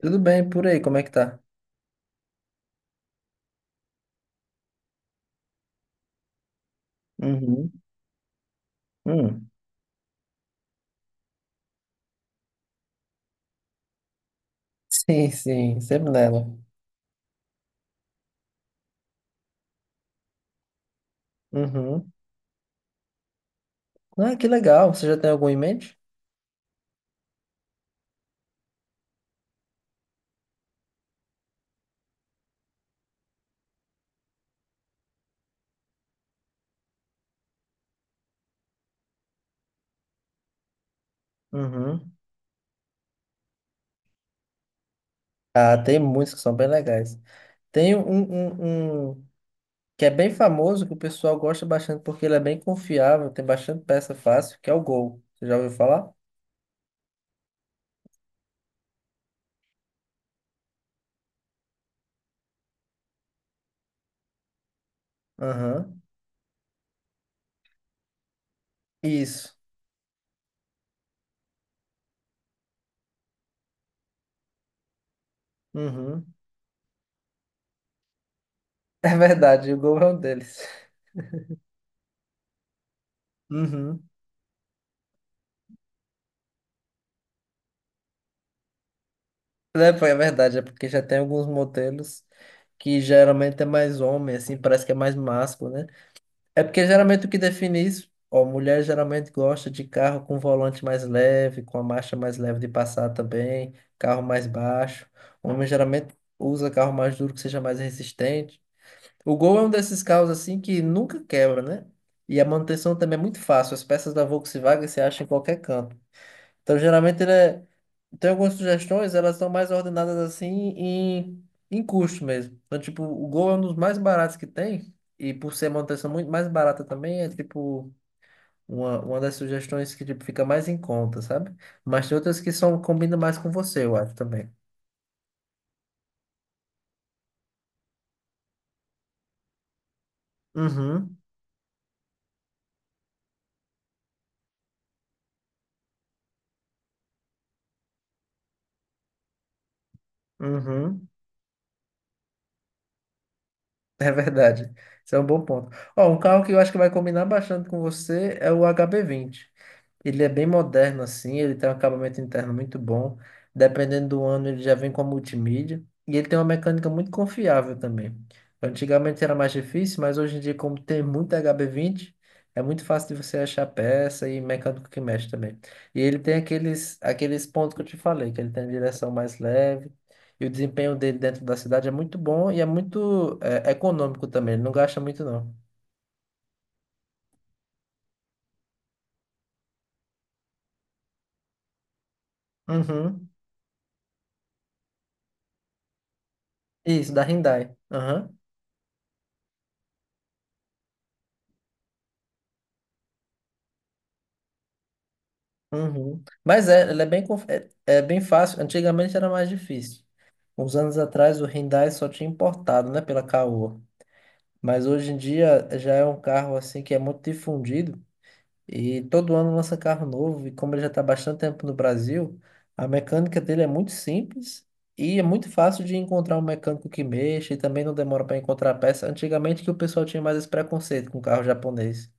Tudo bem por aí, como é que tá? Uhum. Hum. Sim, sim, sempre nela. Uhum. Ah, que legal. Você já tem algum em mente? Uhum. Ah, tem muitos que são bem legais. Tem um que é bem famoso, que o pessoal gosta bastante porque ele é bem confiável, tem bastante peça fácil, que é o Gol. Você já ouviu falar? Aham. Isso. Uhum. É verdade, o Gol é um deles. Uhum. É, pô, é verdade, é porque já tem alguns modelos que geralmente é mais homem, assim, parece que é mais másculo, né? É porque geralmente o que define isso, ó, mulher geralmente gosta de carro com volante mais leve, com a marcha mais leve de passar também, carro mais baixo. Homem geralmente usa carro mais duro que seja mais resistente. O Gol é um desses carros assim que nunca quebra, né? E a manutenção também é muito fácil. As peças da Volkswagen você acha em qualquer canto. Então, geralmente, ele é... tem algumas sugestões, elas são mais ordenadas assim em custo mesmo. Então, tipo, o Gol é um dos mais baratos que tem, e por ser manutenção muito mais barata também, é tipo uma das sugestões que tipo, fica mais em conta, sabe? Mas tem outras que são, combinam mais com você, eu acho também. Uhum, uhum. É verdade. Isso é um bom ponto. Ó, um carro que eu acho que vai combinar bastante com você é o HB20. Ele é bem moderno, assim, ele tem um acabamento interno muito bom. Dependendo do ano, ele já vem com a multimídia. E ele tem uma mecânica muito confiável também. Antigamente era mais difícil, mas hoje em dia, como tem muito HB20 é muito fácil de você achar peça e mecânico que mexe também. E ele tem aqueles pontos que eu te falei, que ele tem a direção mais leve. E o desempenho dele dentro da cidade é muito bom e é muito é, econômico também. Ele não gasta muito, não. Uhum. Isso, da Hyundai. Aham. Uhum. Mas é, ela é bem, é bem fácil. Antigamente era mais difícil. Uns anos atrás o Hyundai só tinha importado, né, pela Caoa. Mas hoje em dia já é um carro assim que é muito difundido e todo ano lança carro novo. E como ele já está bastante tempo no Brasil, a mecânica dele é muito simples e é muito fácil de encontrar um mecânico que mexa e também não demora para encontrar a peça. Antigamente que o pessoal tinha mais esse preconceito com carro japonês.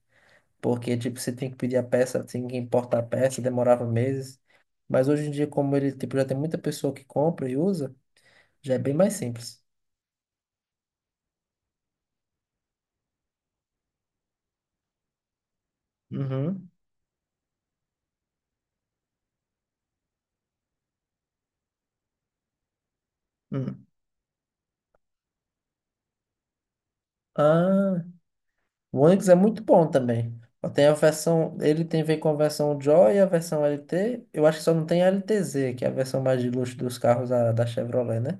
Porque, tipo, você tem que pedir a peça, tem que importar a peça, demorava meses. Mas hoje em dia, como ele, tipo, já tem muita pessoa que compra e usa, já é bem mais simples. Uhum. Hum. Ah, o Onix é muito bom também. Ó, tem a versão, ele tem vem com a versão Joy e a versão LT. Eu acho que só não tem a LTZ, que é a versão mais de luxo dos carros da Chevrolet, né?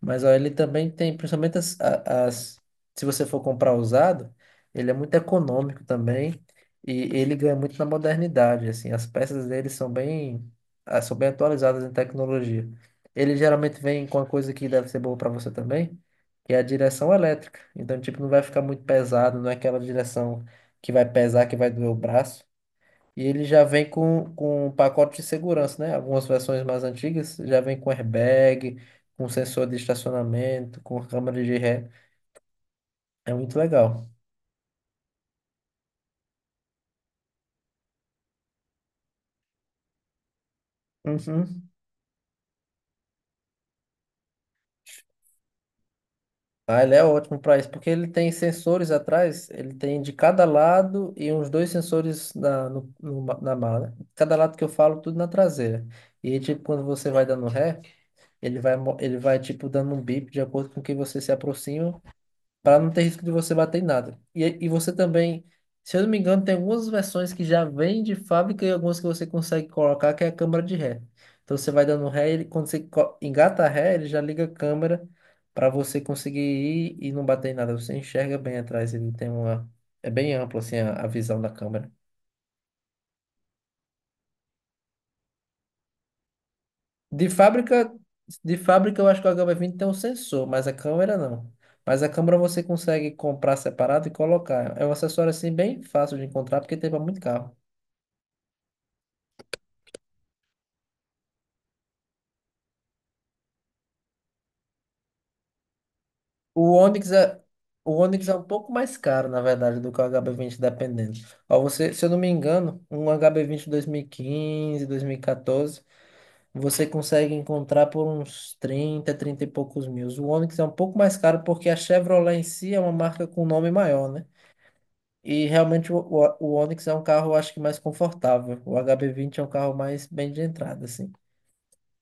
Mas ó, ele também tem, principalmente as, se você for comprar usado, ele é muito econômico também e ele ganha muito na modernidade, assim, as peças dele são bem, ah, são bem atualizadas em tecnologia. Ele geralmente vem com uma coisa que deve ser boa para você também, que é a direção elétrica. Então, tipo, não vai ficar muito pesado, não é aquela direção que vai pesar, que vai doer o braço. E ele já vem com um pacote de segurança, né? Algumas versões mais antigas já vem com airbag, com sensor de estacionamento, com câmera de ré. É muito legal. Uhum. Ah, ele é ótimo para isso, porque ele tem sensores atrás, ele tem de cada lado e uns dois sensores na, no, no ma- na mala. Cada lado que eu falo, tudo na traseira. E tipo, quando você vai dando ré, ele vai, ele vai tipo dando um bip de acordo com que você se aproxima para não ter risco de você bater em nada. E você também, se eu não me engano, tem algumas versões que já vêm de fábrica e algumas que você consegue colocar, que é a câmera de ré. Então você vai dando ré, ele, quando você engata a ré, ele já liga a câmera para você conseguir ir e não bater em nada. Você enxerga bem atrás, ele tem uma. É bem amplo assim a visão da câmera. De fábrica, de fábrica eu acho que o HB20 tem um sensor, mas a câmera não. Mas a câmera você consegue comprar separado e colocar. É um acessório assim bem fácil de encontrar porque tem para muito carro. O Onix é, o Onix é um pouco mais caro, na verdade, do que o HB20 dependendo. Ó, você, se eu não me engano, um HB20 2015, 2014, você consegue encontrar por uns trinta e poucos mil. O Onix é um pouco mais caro porque a Chevrolet em si é uma marca com nome maior, né? E realmente o Onix é um carro, eu acho que mais confortável. O HB20 é um carro mais bem de entrada, assim.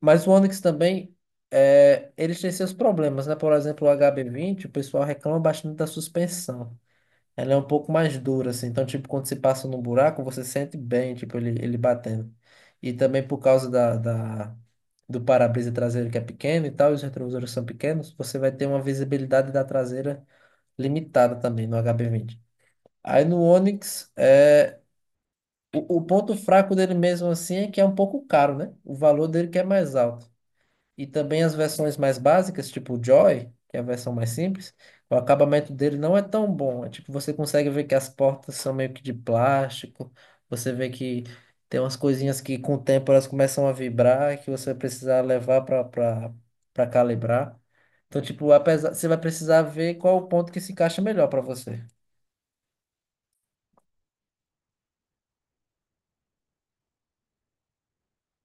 Mas o Onix também, é, eles têm seus problemas, né? Por exemplo, o HB20, o pessoal reclama bastante da suspensão. Ela é um pouco mais dura, assim. Então, tipo, quando você passa num buraco, você sente bem, tipo, ele batendo. E também por causa da do para-brisa traseiro que é pequeno e tal, e os retrovisores são pequenos, você vai ter uma visibilidade da traseira limitada também no HB20. Aí no Onix, é, o ponto fraco dele mesmo assim é que é um pouco caro, né? O valor dele que é mais alto. E também as versões mais básicas, tipo o Joy, que é a versão mais simples, o acabamento dele não é tão bom. É tipo, você consegue ver que as portas são meio que de plástico, você vê que tem umas coisinhas que com o tempo elas começam a vibrar, que você vai precisar levar para calibrar. Então, tipo, apesar, você vai precisar ver qual o ponto que se encaixa melhor para você.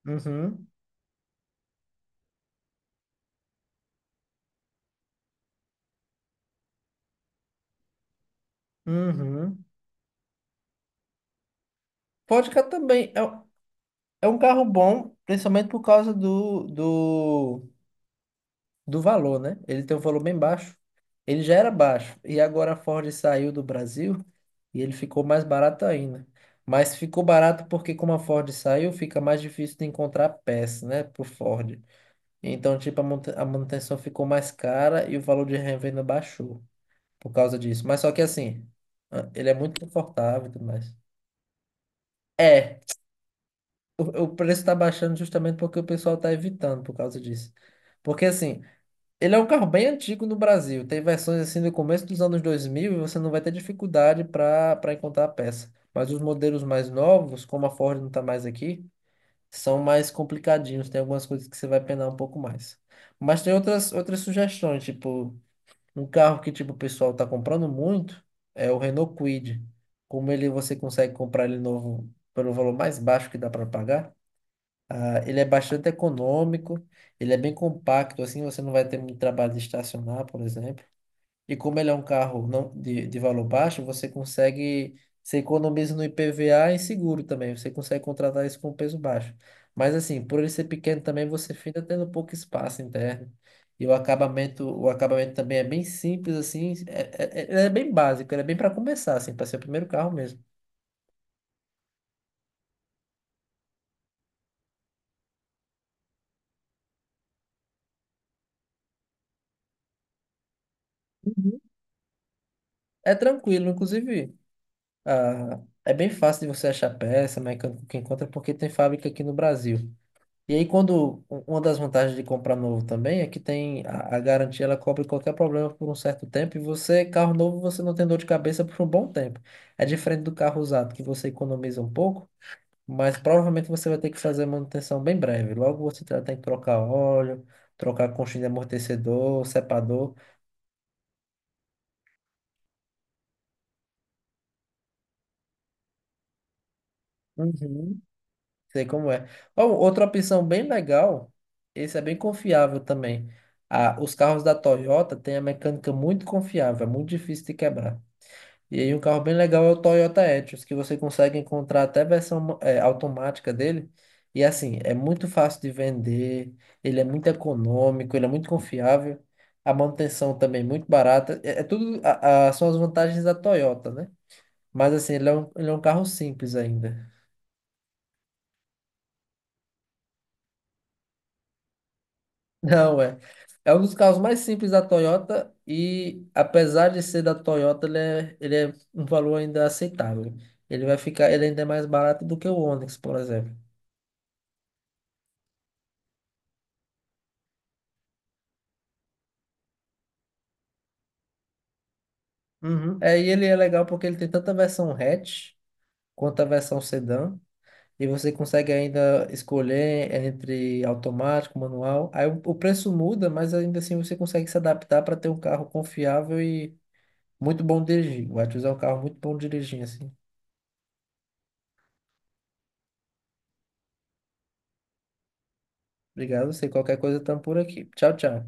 Uhum, uhum. Vodka também. É um carro bom, principalmente por causa do valor, né? Ele tem um valor bem baixo. Ele já era baixo. E agora a Ford saiu do Brasil e ele ficou mais barato ainda. Mas ficou barato porque, como a Ford saiu, fica mais difícil de encontrar peça, né? Pro Ford. Então, tipo, a a manutenção ficou mais cara e o valor de revenda baixou por causa disso. Mas só que assim, ah, ele é muito confortável e tudo mais. É, o preço está baixando justamente porque o pessoal está evitando por causa disso. Porque assim, ele é um carro bem antigo no Brasil. Tem versões assim do começo dos anos 2000 e você não vai ter dificuldade para encontrar a peça. Mas os modelos mais novos, como a Ford não está mais aqui, são mais complicadinhos. Tem algumas coisas que você vai penar um pouco mais. Mas tem outras, outras sugestões, tipo, um carro que tipo, o pessoal está comprando muito é o Renault Kwid. Como ele você consegue comprar ele novo pelo valor mais baixo que dá para pagar. Ah, ele é bastante econômico, ele é bem compacto, assim você não vai ter muito trabalho de estacionar, por exemplo. E como ele é um carro não de valor baixo, você consegue, você economiza no IPVA e seguro também, você consegue contratar isso com peso baixo. Mas assim, por ele ser pequeno também, você fica tendo pouco espaço interno. E o acabamento também é bem simples, assim, ele é bem básico, ele é bem para começar, assim, para ser o primeiro carro mesmo. Uhum. É tranquilo, inclusive. Ah, é bem fácil de você achar peça, mecânico que encontra, porque tem fábrica aqui no Brasil. E aí, quando uma das vantagens de comprar novo também é que tem a garantia, ela cobre qualquer problema por um certo tempo. E você, carro novo, você não tem dor de cabeça por um bom tempo. É diferente do carro usado, que você economiza um pouco, mas provavelmente você vai ter que fazer manutenção bem breve. Logo você vai ter que trocar óleo, trocar conchinha de amortecedor, separador. Sei como é. Ó, outra opção bem legal, esse é bem confiável também. Ah, os carros da Toyota têm a mecânica muito confiável, é muito difícil de quebrar. E aí um carro bem legal é o Toyota Etios, que você consegue encontrar até versão automática dele. E assim, é muito fácil de vender, ele é muito econômico, ele é muito confiável, a manutenção também é muito barata. É, é tudo, são as vantagens da Toyota, né? Mas assim, ele é um carro simples ainda. Não, é. É um dos carros mais simples da Toyota e, apesar de ser da Toyota, ele é um valor ainda aceitável. Ele vai ficar, ele ainda é mais barato do que o Onix, por exemplo. Uhum. É, e ele é legal porque ele tem tanto a versão hatch quanto a versão sedã. E você consegue ainda escolher entre automático, manual. Aí o preço muda, mas ainda assim você consegue se adaptar para ter um carro confiável e muito bom de dirigir. O Etios é um carro muito bom de dirigir, assim. Obrigado a você. Qualquer coisa, estamos por aqui. Tchau, tchau.